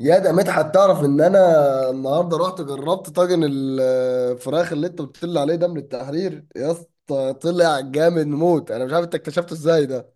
يا ده مدحت، تعرف ان انا النهارده رحت جربت طاجن الفراخ اللي انت بتقول لي عليه ده من التحرير؟ يا اسطى طلع جامد موت، انا مش عارف انت اكتشفته ازاي ده.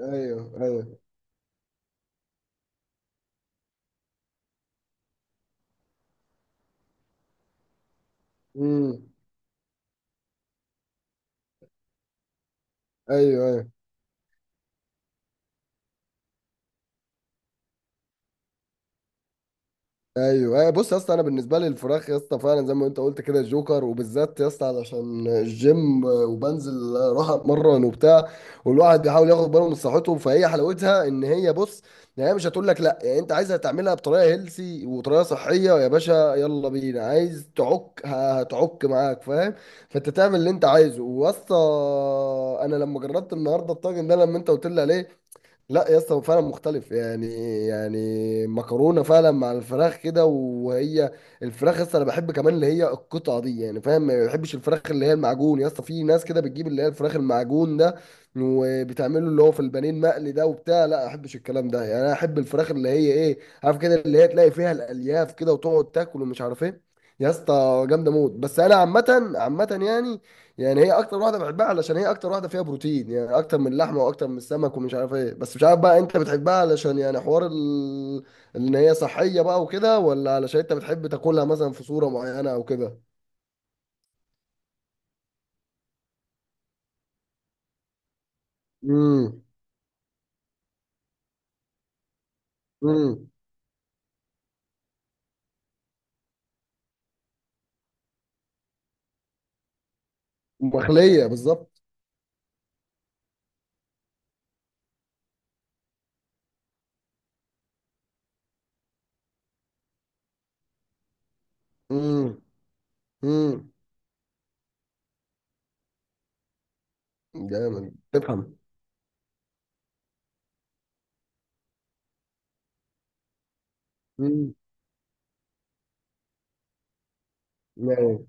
ايوه، ايوه. امم. ايوه، ايوه. ايوه، أيوة، بص يا اسطى، انا بالنسبه لي الفراخ يا اسطى فعلا زي ما انت قلت كده جوكر، وبالذات يا اسطى علشان الجيم وبنزل اروح اتمرن وبتاع، والواحد بيحاول ياخد باله من صحته. فهي حلاوتها ان هي بص، يعني هي مش هتقول لك لا، يعني انت عايزها تعملها بطريقه هيلسي وطريقه صحيه، يا باشا يلا بينا، عايز تعك هتعك معاك فاهم. فانت تعمل اللي انت عايزه واسطى. انا لما جربت النهارده الطاجن ده لما انت قلت لي عليه، لا يا اسطى هو فعلا مختلف يعني. يعني مكرونه فعلا مع الفراخ كده وهي الفراخ يا اسطى، انا بحب كمان اللي هي القطعه دي يعني فاهم، ما بحبش الفراخ اللي هي المعجون. يا اسطى في ناس كده بتجيب اللي هي الفراخ المعجون ده وبتعمله اللي هو في البانيه المقلي ده وبتاع، لا ما احبش الكلام ده. يعني انا احب الفراخ اللي هي ايه، عارف كده، اللي هي تلاقي فيها الالياف كده وتقعد تاكل ومش عارف ايه. يا اسطى جامده موت. بس انا عامه عامه يعني، يعني هي اكتر واحده بحبها علشان هي اكتر واحده فيها بروتين، يعني اكتر من اللحمه واكتر من السمك ومش عارف ايه. بس مش عارف بقى انت بتحبها علشان يعني حوار ال... ان هي صحيه بقى وكده، ولا علشان انت بتحب تاكلها مثلا في صوره معينه او كده؟ امم. امم. مخليه بالظبط. امم. امم. جامد تفهم. امم. يعني.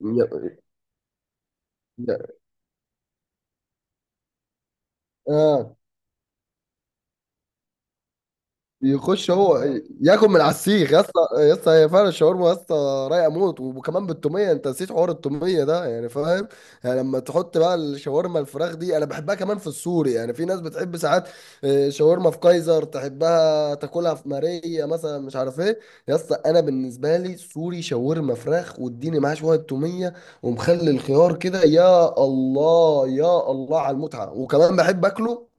يعني- يعني- اه. يخش هو ياكل من على السيخ يا اسطى. يا اسطى هي فعلا الشاورما يا اسطى رايقه موت، وكمان بالتوميه، انت نسيت حوار التوميه ده يعني فاهم. يعني لما تحط بقى الشاورما الفراخ دي، انا بحبها كمان في السوري، يعني في ناس بتحب ساعات شاورما في كايزر، تحبها تاكلها في ماريا مثلا، مش عارف ايه. يا اسطى انا بالنسبه لي سوري شاورما فراخ واديني معاه شويه توميه ومخلي الخيار كده، يا الله يا الله على المتعه. وكمان بحب اكله،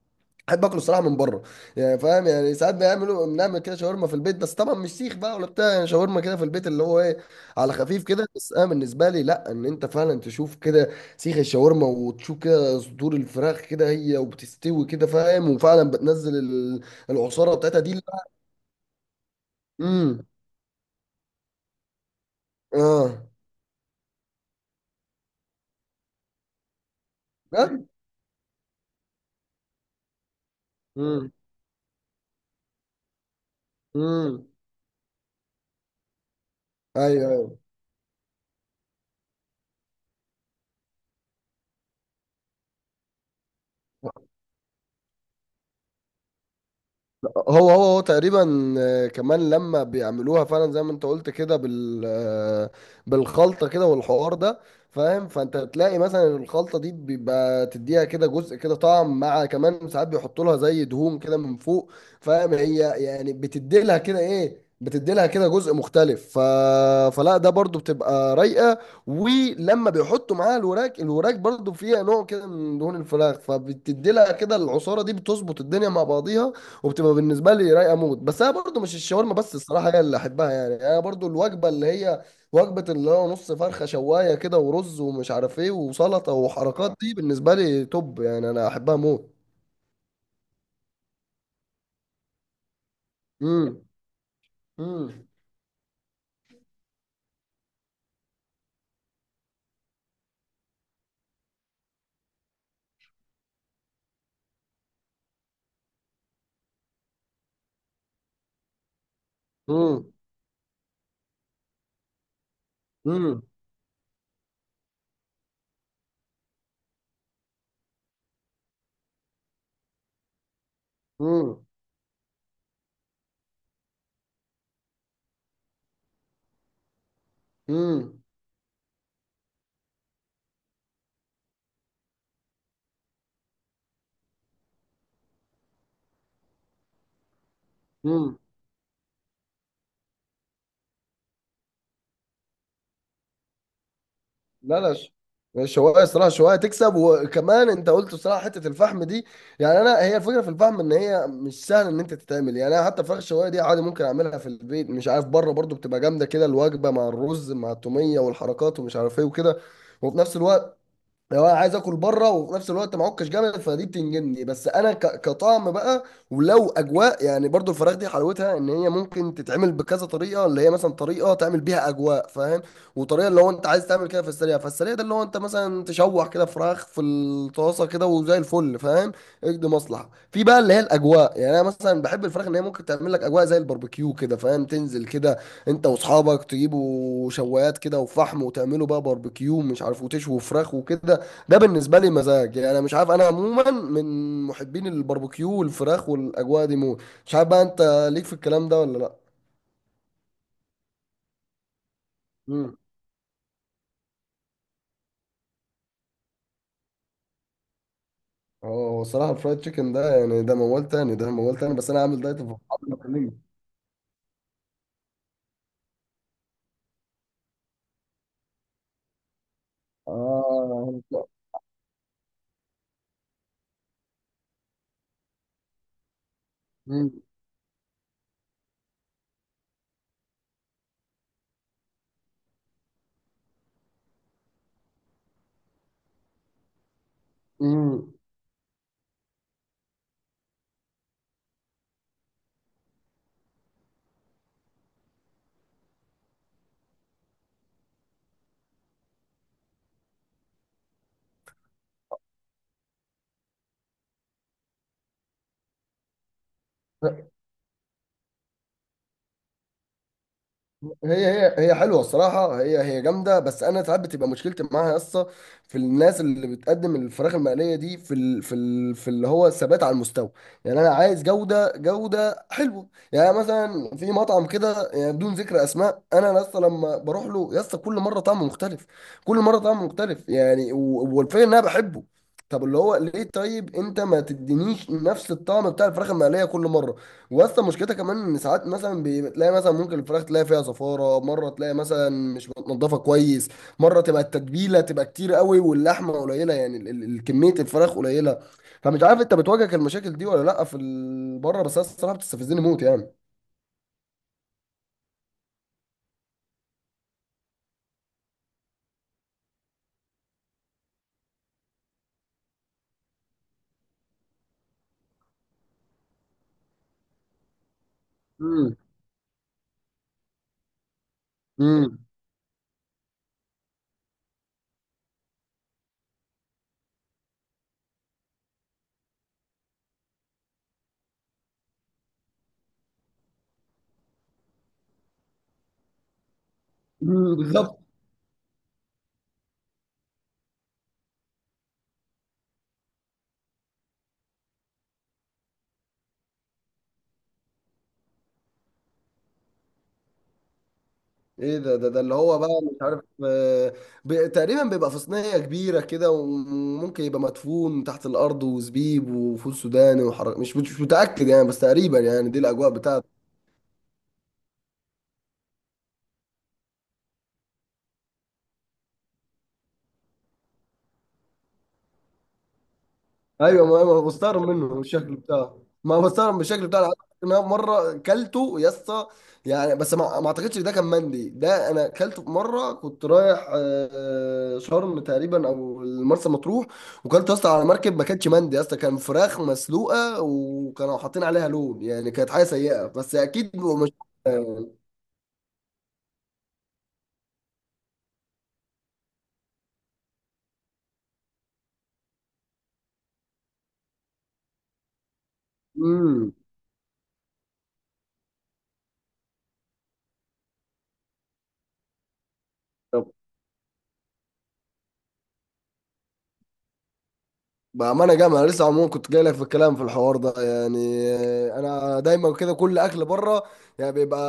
احب اكله الصراحه من بره يعني فاهم. يعني ساعات بيعملوا بنعمل كده شاورما في البيت، بس طبعا مش سيخ بقى ولا بتاع، يعني شاورما كده في البيت اللي هو ايه، على خفيف كده. بس انا بالنسبه لي لا، ان انت فعلا تشوف كده سيخ الشاورما وتشوف كده صدور الفراخ كده هي وبتستوي كده فاهم، وفعلا بتنزل العصاره بتاعتها دي. امم. اه. بجد. امم. امم. ايوه، ايوه. هو تقريبا كمان لما بيعملوها فعلا زي ما انت قلت كده بال بالخلطه كده والحوار ده فاهم. فانت تلاقي مثلا الخلطه دي بيبقى تديها كده جزء كده طعم، مع كمان ساعات بيحطوا لها زي دهون كده من فوق فاهم، هي يعني بتدي لها كده ايه، بتدي لها كده جزء مختلف ف... فلا ده برضو بتبقى رايقه. ولما بيحطوا معاها الوراك، الوراك برضو فيها نوع كده من دهون الفراخ، فبتدي لها كده العصاره دي بتظبط الدنيا مع بعضيها، وبتبقى بالنسبه لي رايقه موت. بس انا برضو مش الشاورما بس الصراحه هي اللي احبها، يعني انا برضو الوجبه اللي هي وجبه اللي هو نص فرخه شوايه كده ورز ومش عارف ايه وسلطه وحركات، دي بالنسبه لي توب، يعني انا احبها موت. امم. امم. امم. امم. امم. لا لا ش- الشوايه الصراحه، الشوايه تكسب. وكمان انت قلت صراحه حته الفحم دي، يعني انا هي الفكره في الفحم ان هي مش سهله ان انت تتعمل. يعني انا حتى فراخ الشوايه دي عادي ممكن اعملها في البيت، مش عارف بره برضو بتبقى جامده كده الوجبه مع الرز مع التوميه والحركات ومش عارف ايه وكده. وفي نفس الوقت لو انا عايز اكل بره، وفي نفس الوقت معكش جامد، فدي بتنجني. بس انا كطعم بقى، ولو اجواء يعني برضو الفراخ دي حلاوتها ان هي ممكن تتعمل بكذا طريقه، اللي هي مثلا طريقه تعمل بيها اجواء فاهم، وطريقه اللي هو انت عايز تعمل كده في السريع. فالسريع ده اللي هو انت مثلا تشوح كده فراخ في الطاسه كده وزي الفل فاهم. اجد مصلحه في بقى اللي هي الاجواء، يعني انا مثلا بحب الفراخ ان هي ممكن تعمل لك اجواء زي الباربيكيو كده فاهم، تنزل كده انت واصحابك تجيبوا شوايات كده وفحم وتعملوا بقى باربيكيو مش عارف وتشوي فراخ وكده. ده بالنسبه لي مزاج يعني، انا مش عارف، انا عموما من محبين الباربيكيو والفراخ والاجواء دي موت. مش عارف بقى انت ليك في الكلام ده ولا لا. امم. اه هو الصراحه الفرايد تشيكن ده يعني، ده موال تاني، ده موال تاني. بس انا عامل دايت في الفطار. اه. امم. هي حلوه الصراحه، هي هي جامده. بس انا ساعات بتبقى مشكلتي معاها يا اسطى في الناس اللي بتقدم الفراخ المقليه دي في ال في ال في اللي هو الثبات على المستوى. يعني انا عايز جوده، جوده حلوه، يعني مثلا في مطعم كده يعني بدون ذكر اسماء، انا يا اسطى لما بروح له يا اسطى كل مره طعمه مختلف، كل مره طعمه مختلف يعني، والفكره ان انا بحبه. طب اللي هو ليه طيب انت ما تدينيش نفس الطعم بتاع الفراخ المقليه كل مره؟ واصلا مشكلتها كمان ان ساعات مثلا بتلاقي، مثلا ممكن الفراخ تلاقي فيها زفاره، مره تلاقي مثلا مش متنضفه كويس، مره تبقى التتبيله تبقى كتير قوي واللحمه قليله، يعني كميه الفراخ قليله. فمش عارف انت بتواجهك المشاكل دي ولا لا في بره؟ بس أنا الصراحه بتستفزني موت يعني. مم. امم. مم، بالظبط. ايه ده؟ ده اللي هو بقى مش عارف تقريبا بيبقى في صينية كبيرة كده، وممكن يبقى مدفون تحت الأرض وزبيب وفول سوداني وحرق، مش متأكد يعني، بس تقريبا يعني دي الأجواء بتاعته. ايوه ما بستغرب منه من الشكل بتاعه، ما بستغرب من الشكل بتاعه. أنا عايز أقول لك إن انا مره كلته يا اسطى. يعني بس ما اعتقدش ده كان مندي، ده انا كلته في مره كنت رايح شرم تقريبا او مرسى مطروح، وكلت يا اسطى على مركب، ما كانتش مندي يا اسطى، كان فراخ مسلوقه وكانوا حاطين عليها لون، يعني كانت حاجه سيئه، بس اكيد مش امم. بأمانة جامعة أنا لسه عموما كنت جاي لك في الكلام في الحوار ده، يعني أنا دايما كده كل أكل بره يعني بيبقى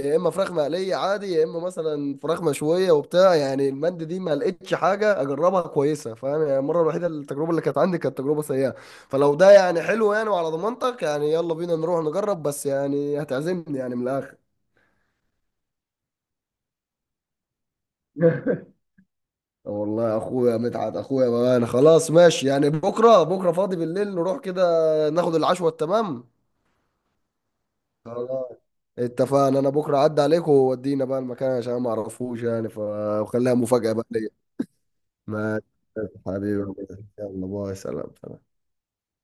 يا إما فراخ مقلية عادي، يا إما مثلا فراخ مشوية وبتاع. يعني المند دي ما لقيتش حاجة أجربها كويسة فاهم، يعني المرة الوحيدة التجربة اللي كانت عندي كانت تجربة سيئة. فلو ده يعني حلو يعني وعلى ضمانتك يعني يلا بينا نروح نجرب، بس يعني هتعزمني يعني من الآخر. والله يا اخويا مدحت اخويا بقى، انا خلاص ماشي يعني، بكره فاضي بالليل، نروح كده ناخد العشوه التمام. خلاص اتفقنا، انا بكره عدى عليك وودينا بقى المكان عشان ما اعرفوش يعني وخليها مفاجأة بقى ليا. ماشي حبيبي، يلا باي، سلام.